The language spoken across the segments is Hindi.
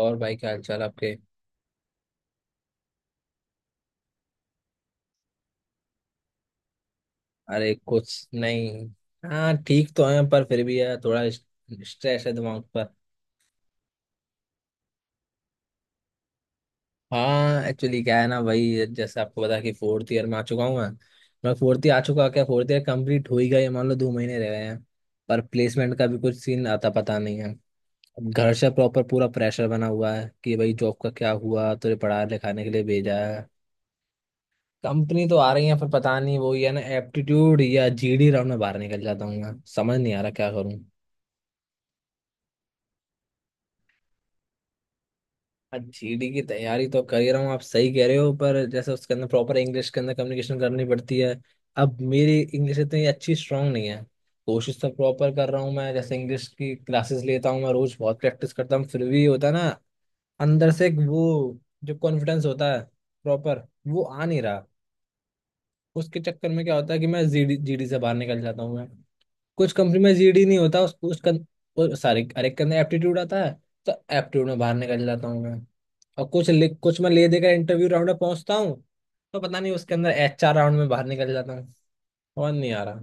और भाई, क्या हाल चाल आपके? अरे कुछ नहीं। हाँ ठीक तो है पर फिर भी यार थोड़ा स्ट्रेस है दिमाग पर। हाँ, एक्चुअली क्या है ना भाई, जैसे आपको पता है कि फोर्थ ईयर में आ चुका हूँ मैं। मैं फोर्थ ईयर आ चुका, क्या फोर्थ ईयर कंप्लीट हो ही गया, ये मान लो 2 महीने रह गए हैं। पर प्लेसमेंट का भी कुछ सीन आता पता नहीं है। अब घर से प्रॉपर पूरा प्रेशर बना हुआ है कि भाई जॉब का क्या हुआ, तुझे पढ़ा लिखाने के लिए भेजा है। कंपनी तो आ रही है पर पता नहीं, वो ही है ना, एप्टीट्यूड या जीडी राउंड में बाहर निकल जाता हूँ मैं, समझ नहीं आ रहा क्या करूँ। जीडी की तैयारी तो कर ही रहा हूँ, आप सही कह रहे हो, पर जैसे उसके अंदर प्रॉपर इंग्लिश के अंदर कम्युनिकेशन करनी पड़ती है। अब मेरी इंग्लिश इतनी अच्छी स्ट्रांग नहीं है। कोशिश तो प्रॉपर कर रहा हूँ मैं, जैसे इंग्लिश की क्लासेस लेता हूँ मैं, रोज बहुत प्रैक्टिस करता हूँ, फिर भी होता है ना अंदर से एक वो जो कॉन्फिडेंस होता है, प्रॉपर वो आ नहीं रहा। उसके चक्कर में क्या होता है कि मैं जीडी जीडी से बाहर निकल जाता हूँ मैं। कुछ कंपनी में जीडी नहीं होता उसका सॉरी, अरे, के अंदर एप्टीट्यूड आता है। तो एप्टीट्यूड में बाहर निकल जाता हूँ मैं। और कुछ लिख कुछ मैं ले देकर इंटरव्यू राउंड में पहुंचता हूँ। तो पता नहीं उसके अंदर एचआर राउंड में बाहर निकल जाता हूँ। और नहीं आ रहा।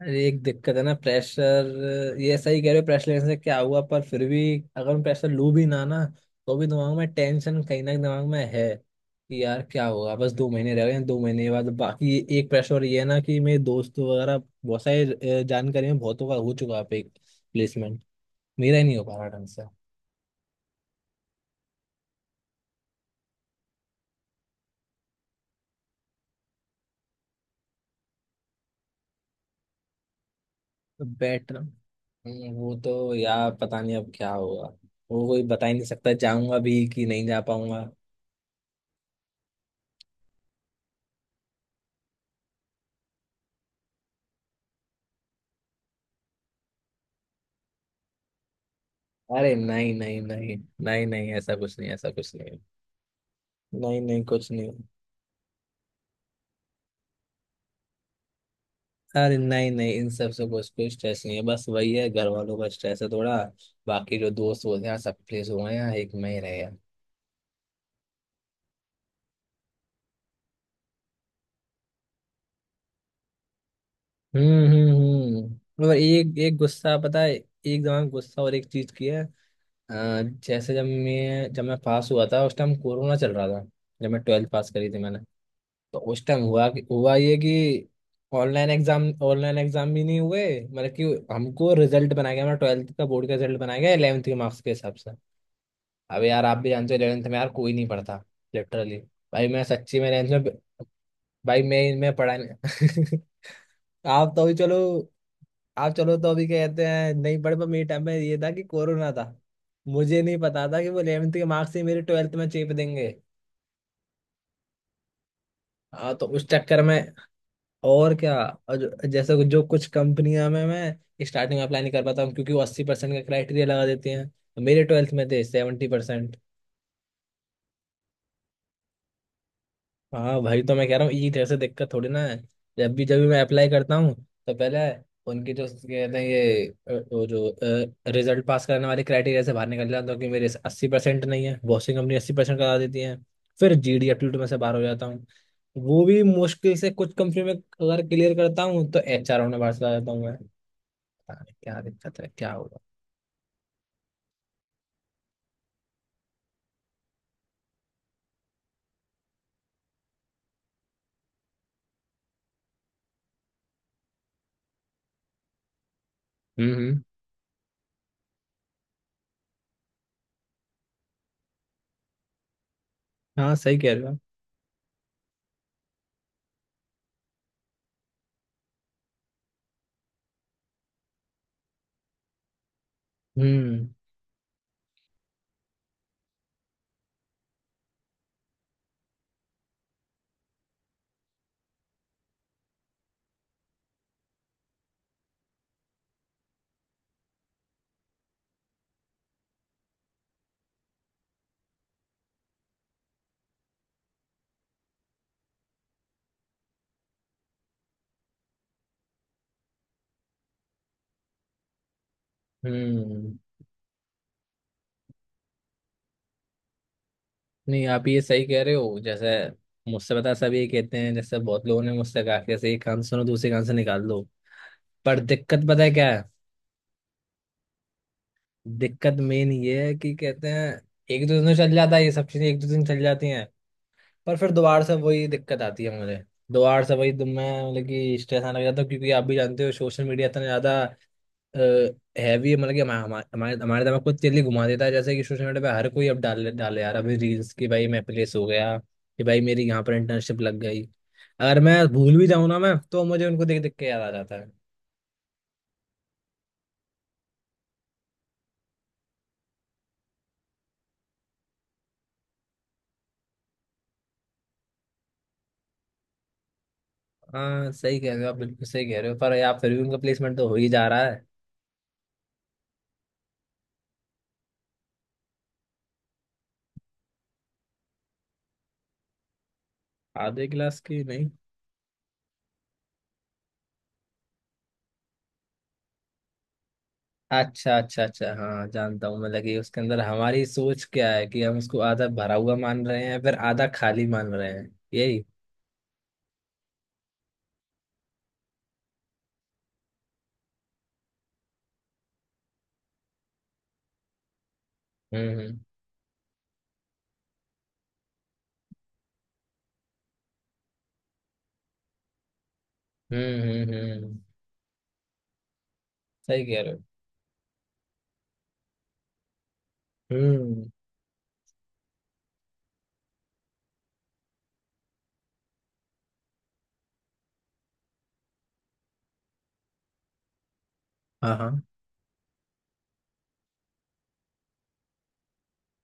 अरे एक दिक्कत है ना, प्रेशर ये सही कह रहे हो, प्रेशर लेने से क्या हुआ पर फिर भी, अगर मैं प्रेशर लूँ भी ना ना, तो भी दिमाग में टेंशन कहीं ना कहीं दिमाग में है कि यार क्या होगा, बस 2 महीने रह गए हैं, 2 महीने के बाद। बाकी एक प्रेशर ये है ना कि मेरे दोस्त वगैरह बहुत सारे, जानकारी में बहुतों का हो चुका है प्लेसमेंट, मेरा ही नहीं हो पा रहा ढंग से बैठना। वो तो यार पता नहीं अब क्या होगा, वो कोई बता ही नहीं सकता, जाऊंगा भी कि नहीं जा पाऊंगा। अरे नहीं, नहीं, नहीं। नहीं, नहीं, ऐसा कुछ नहीं, ऐसा कुछ नहीं। नहीं, नहीं, कुछ नहीं। अरे नहीं, नहीं, इन सब से कुछ कोई स्ट्रेस नहीं है, बस वही है, घर वालों का स्ट्रेस है थोड़ा। बाकी जो दोस्त बोलते हैं सब प्लेस हुए हैं यहाँ, एक मैं ही रह गया। हम्म, हम्म, हम्म, और एक एक गुस्सा पता है, एक दिमाग में गुस्सा और एक चीज की है। अ, जैसे जब मैं पास हुआ था उस टाइम कोरोना चल रहा था, जब मैं ट्वेल्थ पास करी थी मैंने। तो उस टाइम हुआ कि, हुआ ये कि ऑनलाइन एग्जाम ऑनलाइन एग्जाम भी नहीं हुए, मतलब कि हमको रिजल्ट बनाया गया, हमारा ट्वेल्थ का बोर्ड का रिजल्ट बनाया गया 11th के मार्क्स के हिसाब से। अब यार आप भी जानते हो 11th में यार कोई नहीं पढ़ता, लिटरली। भाई मैं सच्ची में 11th में, भाई मैं पढ़ा नहीं। आप तो अभी चलो, आप चलो तो अभी कहते हैं नहीं पढ़े, पर मेरे टाइम में ये था कि कोरोना था, मुझे नहीं पता था कि वो 11th के मार्क्स ही मेरे ट्वेल्थ में चेप देंगे। हाँ तो उस चक्कर में, और क्या। और जैसे जो कुछ कंपनियां में मैं स्टार्टिंग में अप्लाई नहीं कर पाता हूँ क्योंकि वो 80% का क्राइटेरिया लगा देती हैं। मेरे ट्वेल्थ में थे 70%। हाँ भाई, तो मैं कह रहा हूँ ये, जैसे दिक्कत थोड़ी ना है। जब भी मैं अप्लाई करता हूँ, तो पहले उनकी जो कहते हैं ये वो जो रिजल्ट पास करने वाले क्राइटेरिया से बाहर निकल जाता हूँ, तो कि मेरे 80% नहीं है, बहुत सी कंपनी 80% करा देती है। फिर जीडी एप्टीट्यूड में से बाहर हो जाता हूँ, वो भी मुश्किल से कुछ कंपनी में अगर क्लियर करता हूँ तो एच आर में बाहर चला जाता हूँ मैं। पता नहीं क्या दिक्कत है, क्या होगा। हम्म, हाँ सही कह रहे हो आप। हम्म, हम्म, नहीं, आप ये सही कह रहे हो, जैसे मुझसे पता है, सब ये कहते हैं, जैसे बहुत लोगों ने मुझसे कहा कि जैसे एक कान से सुनो दूसरे कान से निकाल दो। पर दिक्कत पता है क्या है, दिक्कत मेन ये है कि कहते हैं एक दो दिन में चल जाता है ये सब चीजें, एक दो दिन चल जाती हैं, पर फिर दोबारा से वही दिक्कत आती है मुझे, दोबारा से वही। तो मैं मतलब कि स्ट्रेस आने लग जाता हूँ, क्योंकि आप भी जानते हो सोशल मीडिया इतना ज्यादा हैवी, मतलब कि हमा- हमा- हमारे हमारे दिमाग को तेली घुमा देता है, जैसे कि सोशल मीडिया पे हर कोई अब डाल डाले यार अभी रील्स की, भाई मैं प्लेस हो गया, कि भाई मेरी यहाँ पर इंटर्नशिप लग गई। अगर मैं भूल भी जाऊँ ना मैं, तो मुझे उनको देख देख के याद आ जाता है। हाँ सही कह रहे हो आप, बिल्कुल सही कह रहे हो, पर यार फिर भी उनका प्लेसमेंट तो हो ही जा रहा है। आधे क्लास की? नहीं। अच्छा, अच्छा, अच्छा, हाँ जानता हूँ, मतलब कि उसके अंदर हमारी सोच क्या है कि हम उसको आधा भरा हुआ मान रहे हैं फिर आधा खाली मान रहे हैं, यही। हम्म, हम्म, हम्म। हम्म, सही कह रहे हो। हम्म। हाँ, हाँ।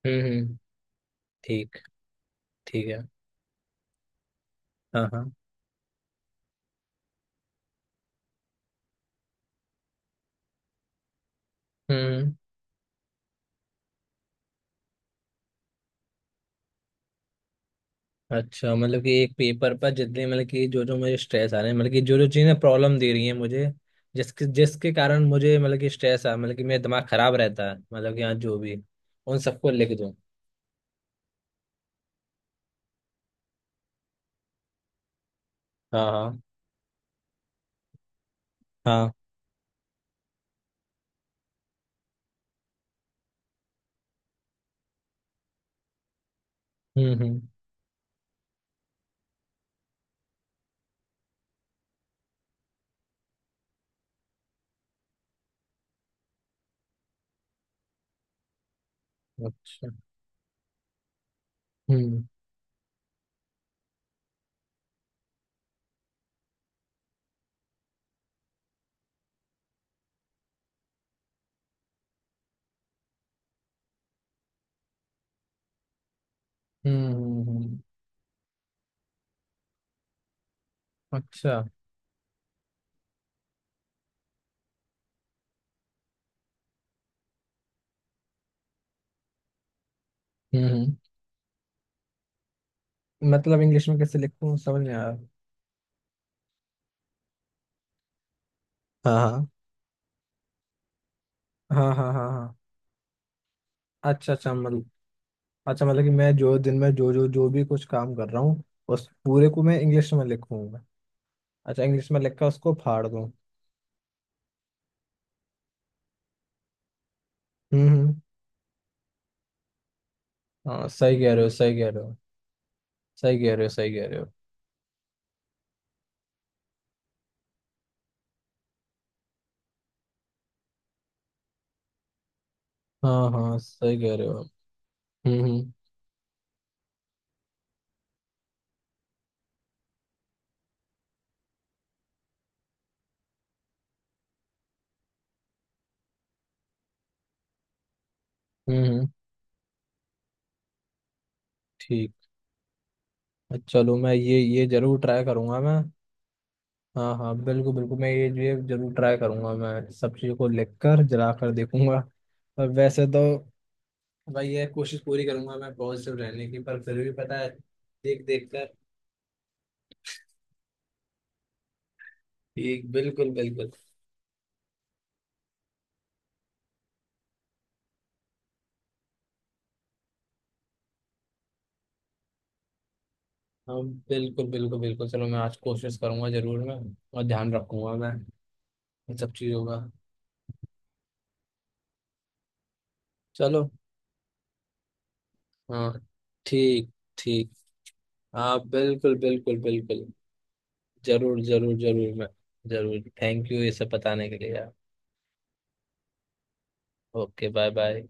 हम्म, ठीक। ठीक है। हाँ, हाँ। हम्म। अच्छा, मतलब कि एक पेपर पर जितने, मतलब कि जो जो मुझे स्ट्रेस आ रहे हैं, मतलब कि जो जो चीज़ें प्रॉब्लम दे रही हैं मुझे, जिसके जिसके कारण मुझे, मतलब कि स्ट्रेस आ, मतलब कि मेरा दिमाग खराब रहता है, मतलब कि हाँ, जो भी, उन सबको लिख दूँ। हाँ, हाँ, हाँ। हम्म, हम्म, अच्छा। हम्म, हम्म, हम्म। अच्छा। हम्म, मतलब इंग्लिश में कैसे लिखूँ समझ नहीं आ रहा। हाँ, हाँ, हाँ, हाँ, हाँ, हाँ। अच्छा, अच्छा, मतलब। अच्छा मतलब कि मैं जो दिन में जो जो जो भी कुछ काम कर रहा हूँ, उस पूरे को मैं इंग्लिश में लिखूंगा। अच्छा, इंग्लिश में लिख कर उसको फाड़ दूँ। हम्म, हम्म। हाँ सही कह रहे हो, सही कह रहे हो। सही कह रहे हो, सही कह रहे हो। हाँ, हाँ, सही कह रहे हो आप। हम्म, हम्म, हम्म, ठीक। चलो मैं ये जरूर ट्राई करूंगा मैं। हाँ, हाँ, बिल्कुल, बिल्कुल, मैं ये जरूर ट्राई करूंगा मैं, सब चीज़ों को लिख कर जला कर देखूंगा। पर वैसे तो भाई ये कोशिश पूरी करूंगा मैं पॉजिटिव रहने की, पर फिर भी पता है, देख देख कर। ठीक, बिल्कुल, बिल्कुल। हम, बिल्कुल, बिल्कुल, बिल्कुल, चलो मैं आज कोशिश करूंगा जरूर मैं, और ध्यान रखूंगा मैं इन सब चीज़ों का। चलो। हाँ। ठीक। ठीक। हाँ, बिल्कुल, बिल्कुल, बिल्कुल, जरूर, जरूर, जरूर, मैं जरूर। थैंक यू ये सब बताने के लिए यार। Okay, bye, bye.